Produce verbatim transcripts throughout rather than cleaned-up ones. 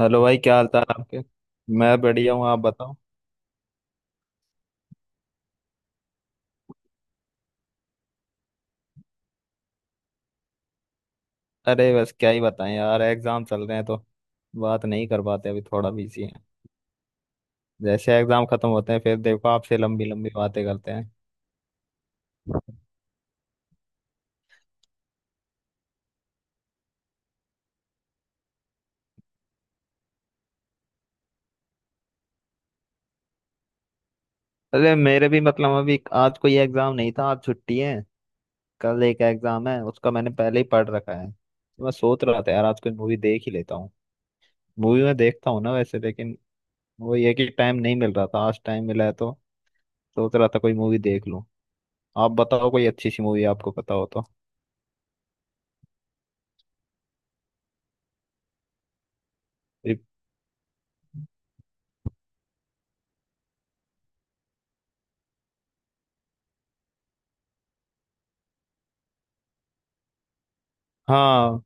Hello भाई क्या हाल चाल आपके। मैं बढ़िया हूँ, आप बताओ। अरे बस क्या ही बताएं यार, एग्जाम चल रहे हैं तो बात नहीं कर पाते, अभी थोड़ा बिजी हैं। जैसे एग्जाम खत्म होते हैं फिर देखो, आपसे लंबी लंबी बातें करते हैं। अरे मेरे भी मतलब अभी आज कोई एग्जाम नहीं था, आज छुट्टी है। कल एक एग्जाम है उसका मैंने पहले ही पढ़ रखा है, तो मैं सोच रहा था यार आज कोई मूवी देख ही लेता हूँ। मूवी मैं देखता हूँ ना वैसे, लेकिन वो ये कि टाइम नहीं मिल रहा था, आज टाइम मिला है तो सोच रहा था कोई मूवी देख लूँ। आप बताओ कोई अच्छी सी मूवी आपको पता हो तो। रिप- हाँ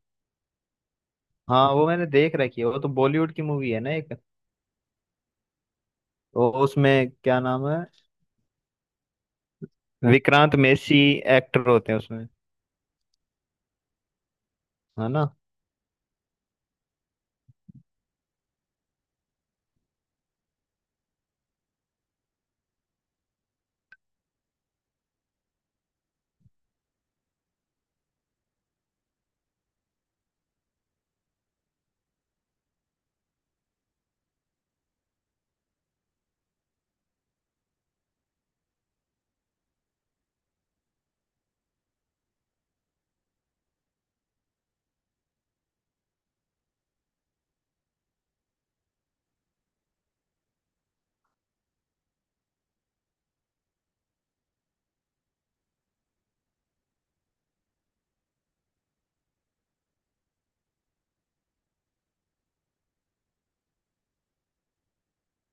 हाँ, वो मैंने देख रखी है, वो तो बॉलीवुड की मूवी है ना एक। वो उसमें क्या नाम है, विक्रांत मेसी एक्टर होते हैं उसमें, है ना?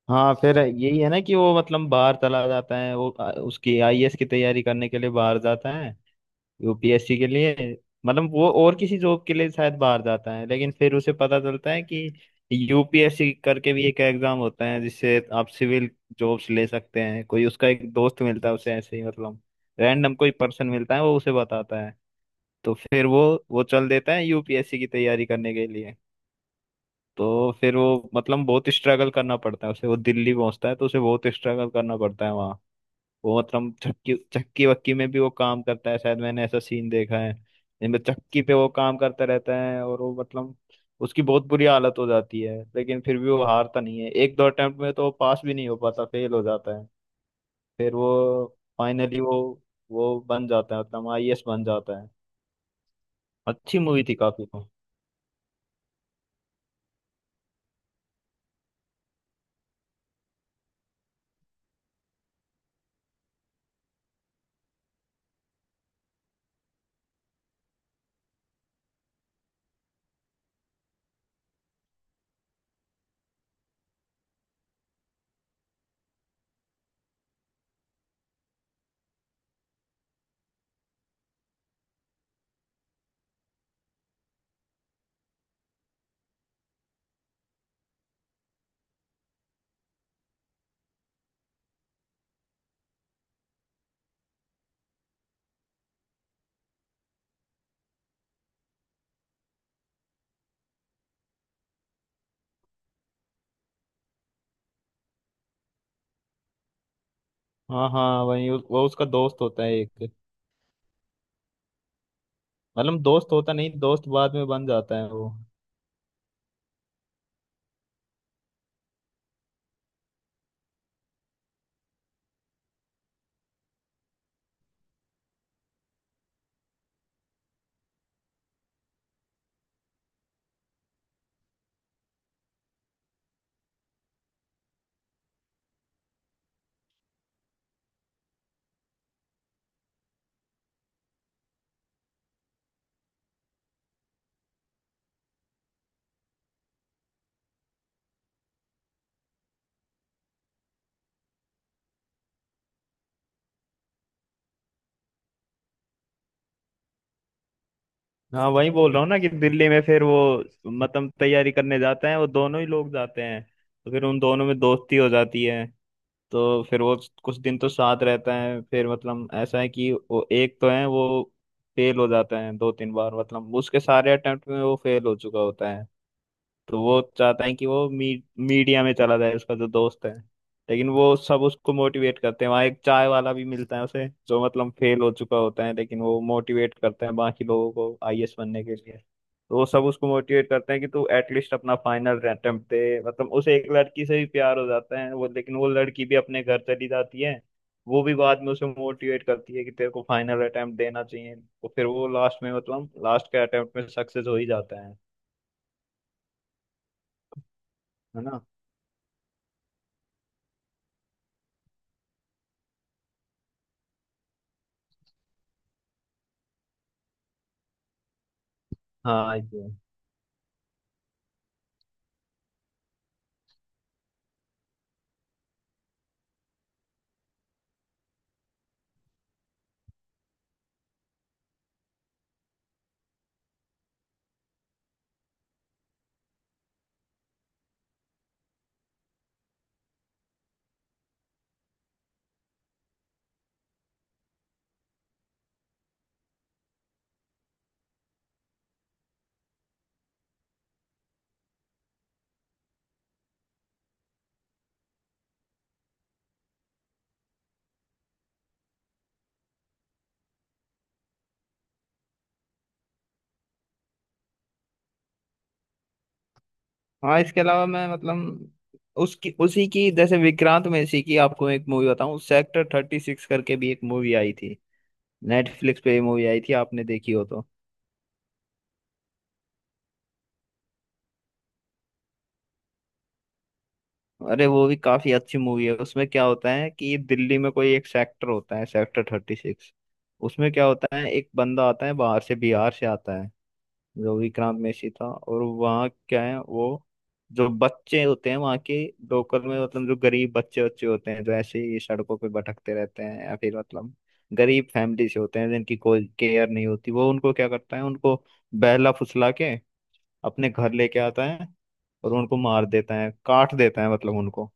हाँ फिर यही है ना कि वो मतलब बाहर चला जाता है, वो अ, उसकी आई ए एस की तैयारी करने के लिए बाहर जाता है, यू पी एस सी के लिए। मतलब वो और किसी जॉब के लिए शायद बाहर जाता है, लेकिन फिर उसे पता चलता है कि यू पी एस सी करके भी एक एग्जाम होता है जिससे आप सिविल जॉब्स ले सकते हैं। कोई उसका एक दोस्त मिलता है उसे, ऐसे ही मतलब रैंडम कोई पर्सन मिलता है, वो उसे बताता है। तो फिर वो वो चल देता है यू पी एस सी की तैयारी करने के लिए। तो फिर वो मतलब बहुत स्ट्रगल करना पड़ता है उसे, वो दिल्ली पहुंचता है तो उसे बहुत स्ट्रगल करना पड़ता है। वो मतलब चक्की चक्की वक्की में भी वो काम करता है, शायद मैंने ऐसा सीन देखा है जिनमें चक्की पे वो काम करता रहता है। और वो मतलब उसकी बहुत बुरी हालत हो जाती है, लेकिन फिर भी वो हारता नहीं है। एक दो अटेम्प्ट में तो वो पास भी नहीं हो पाता, फेल हो जाता है। फिर वो फाइनली वो वो बन जाता है, मतलब आई ए एस बन जाता है। अच्छी मूवी थी काफी, तो। हाँ हाँ, वही उस- वो उसका दोस्त होता है एक। मतलब दोस्त होता नहीं, दोस्त बाद में बन जाता है वो। हाँ वही बोल रहा हूँ ना कि दिल्ली में फिर वो मतलब तैयारी करने जाते हैं, वो दोनों ही लोग जाते हैं। तो फिर उन दोनों में दोस्ती हो जाती है। तो फिर वो कुछ दिन तो साथ रहते हैं, फिर मतलब ऐसा है कि वो एक तो है, वो फेल हो जाता है दो तीन बार, मतलब उसके सारे अटेम्प्ट में वो फेल हो चुका होता है। तो वो चाहता है कि वो मी, मीडिया में चला जाए, उसका जो दोस्त है। लेकिन वो सब उसको मोटिवेट करते हैं, वहाँ एक चाय वाला भी मिलता है उसे जो मतलब फेल हो चुका होता है, लेकिन वो मोटिवेट करते हैं बाकी लोगों को आई ए एस बनने के लिए। तो वो सब उसको मोटिवेट करते हैं कि तू एटलीस्ट अपना फाइनल अटेम्प्ट दे, मतलब उसे एक लड़की से भी प्यार हो जाता है वो, लेकिन वो लड़की भी अपने घर चली जाती है। वो भी बाद में उसे मोटिवेट करती है कि तेरे को फाइनल अटेम्प्ट देना चाहिए, तो फिर वो लास्ट में, मतलब लास्ट के अटेम्प्ट में, सक्सेस हो ही जाता है है ना? हाँ, ये। हाँ, इसके अलावा मैं मतलब उसकी, उसी की, जैसे विक्रांत में इसी की आपको एक मूवी बताऊं, सेक्टर थर्टी सिक्स करके भी एक मूवी आई थी। नेटफ्लिक्स पे ये मूवी आई थी, आपने देखी हो तो। अरे वो भी काफी अच्छी मूवी है, उसमें क्या होता है कि दिल्ली में कोई एक सेक्टर होता है, सेक्टर थर्टी सिक्स। उसमें क्या होता है, एक बंदा आता है बाहर से, बिहार से आता है, जो विक्रांत मैसी था। और वहाँ क्या है वो, जो बच्चे होते हैं वहाँ के लोकल में, मतलब जो गरीब बच्चे बच्चे होते हैं जो ऐसे ही सड़कों पे भटकते रहते हैं या फिर मतलब गरीब फैमिली से होते हैं, जिनकी कोई केयर नहीं होती, वो उनको क्या करता है, उनको बहला फुसला के अपने घर लेके आता है। और उनको मार देता है, काट देता है, मतलब उनको।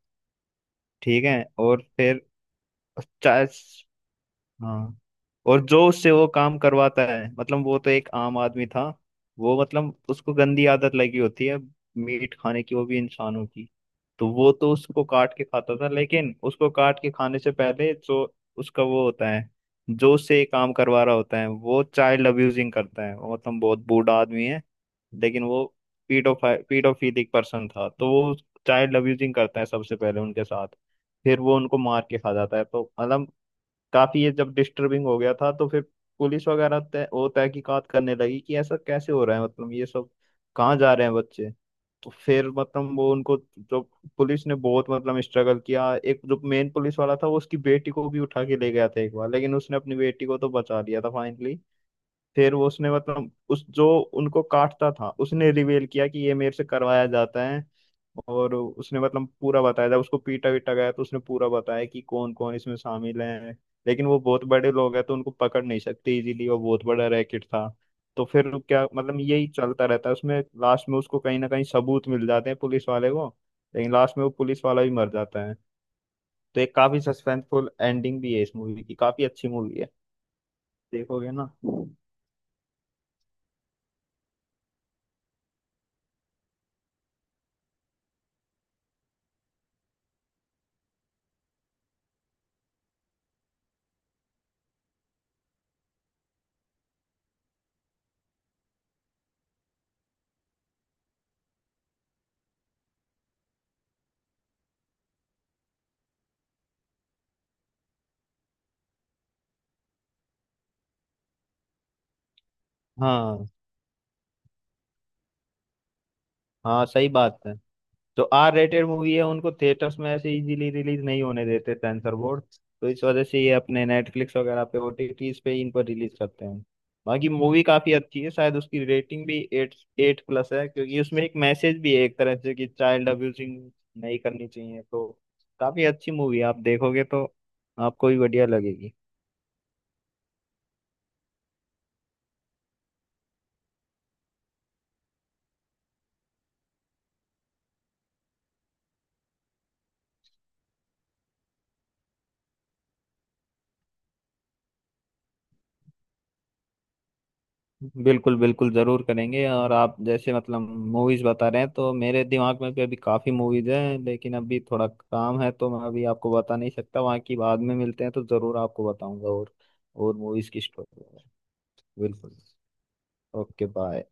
ठीक है, और फिर। हाँ, और जो उससे वो काम करवाता है, मतलब वो तो एक आम आदमी था। वो मतलब उसको गंदी आदत लगी होती है, मीट खाने की, वो भी इंसानों की। तो वो तो उसको काट के खाता था, लेकिन उसको काट के खाने से पहले जो उसका वो होता है, जो उससे ये काम करवा रहा होता है, वो चाइल्ड अब्यूजिंग करता है। वो मतलब बहुत बूढ़ा आदमी है, लेकिन वो पीडोफाइ पीडोफिलिक पर्सन था। तो वो चाइल्ड अब्यूजिंग करता है सबसे पहले उनके साथ, फिर वो उनको मार के खा जाता है। तो मतलब काफी ये जब डिस्टर्बिंग हो गया था, तो फिर पुलिस वगैरह तय वो तहकीकात करने लगी कि ऐसा कैसे हो रहा है, मतलब ये सब कहाँ जा रहे हैं बच्चे। तो फिर मतलब वो उनको जो, पुलिस ने बहुत मतलब स्ट्रगल किया। एक जो मेन पुलिस वाला था, वो उसकी बेटी को भी उठा के ले गया था एक बार, लेकिन उसने अपनी बेटी को तो बचा लिया था फाइनली। फिर वो उसने मतलब उस जो उनको काटता था, उसने रिवेल किया कि ये मेरे से करवाया जाता है। और उसने मतलब पूरा बताया था, उसको पीटा वीटा गया तो उसने पूरा बताया कि कौन कौन इसमें शामिल है। लेकिन वो बहुत बड़े लोग हैं, तो उनको पकड़ नहीं सकते इजीली, वो बहुत बड़ा रैकेट था। तो फिर वो क्या, मतलब यही चलता रहता है उसमें, लास्ट में उसको कहीं ना कहीं सबूत मिल जाते हैं पुलिस वाले को। लेकिन लास्ट में वो पुलिस वाला भी मर जाता है। तो एक काफी सस्पेंसफुल एंडिंग भी है इस मूवी की, काफी अच्छी मूवी है, देखोगे ना? हाँ। हाँ, सही बात है। जो आर रेटेड मूवी है उनको थिएटर्स में ऐसे इजीली रिलीज नहीं होने देते सेंसर बोर्ड। तो इस वजह से ये अपने नेटफ्लिक्स वगैरह पे, ओ टी टीज पे, इनको रिलीज करते हैं। बाकी मूवी काफी अच्छी है, शायद उसकी रेटिंग भी एट एट प्लस है, क्योंकि उसमें एक मैसेज भी है एक तरह से कि चाइल्ड अब्यूजिंग नहीं करनी चाहिए। तो काफी अच्छी मूवी है, आप देखोगे तो आपको भी बढ़िया लगेगी। बिल्कुल बिल्कुल, जरूर करेंगे। और आप जैसे मतलब मूवीज बता रहे हैं, तो मेरे दिमाग में भी अभी काफी मूवीज हैं, लेकिन अभी थोड़ा काम है तो मैं अभी आपको बता नहीं सकता, वहाँ की बाद में मिलते हैं तो जरूर आपको बताऊंगा। और और मूवीज की स्टोरी। बिल्कुल। Okay, bye.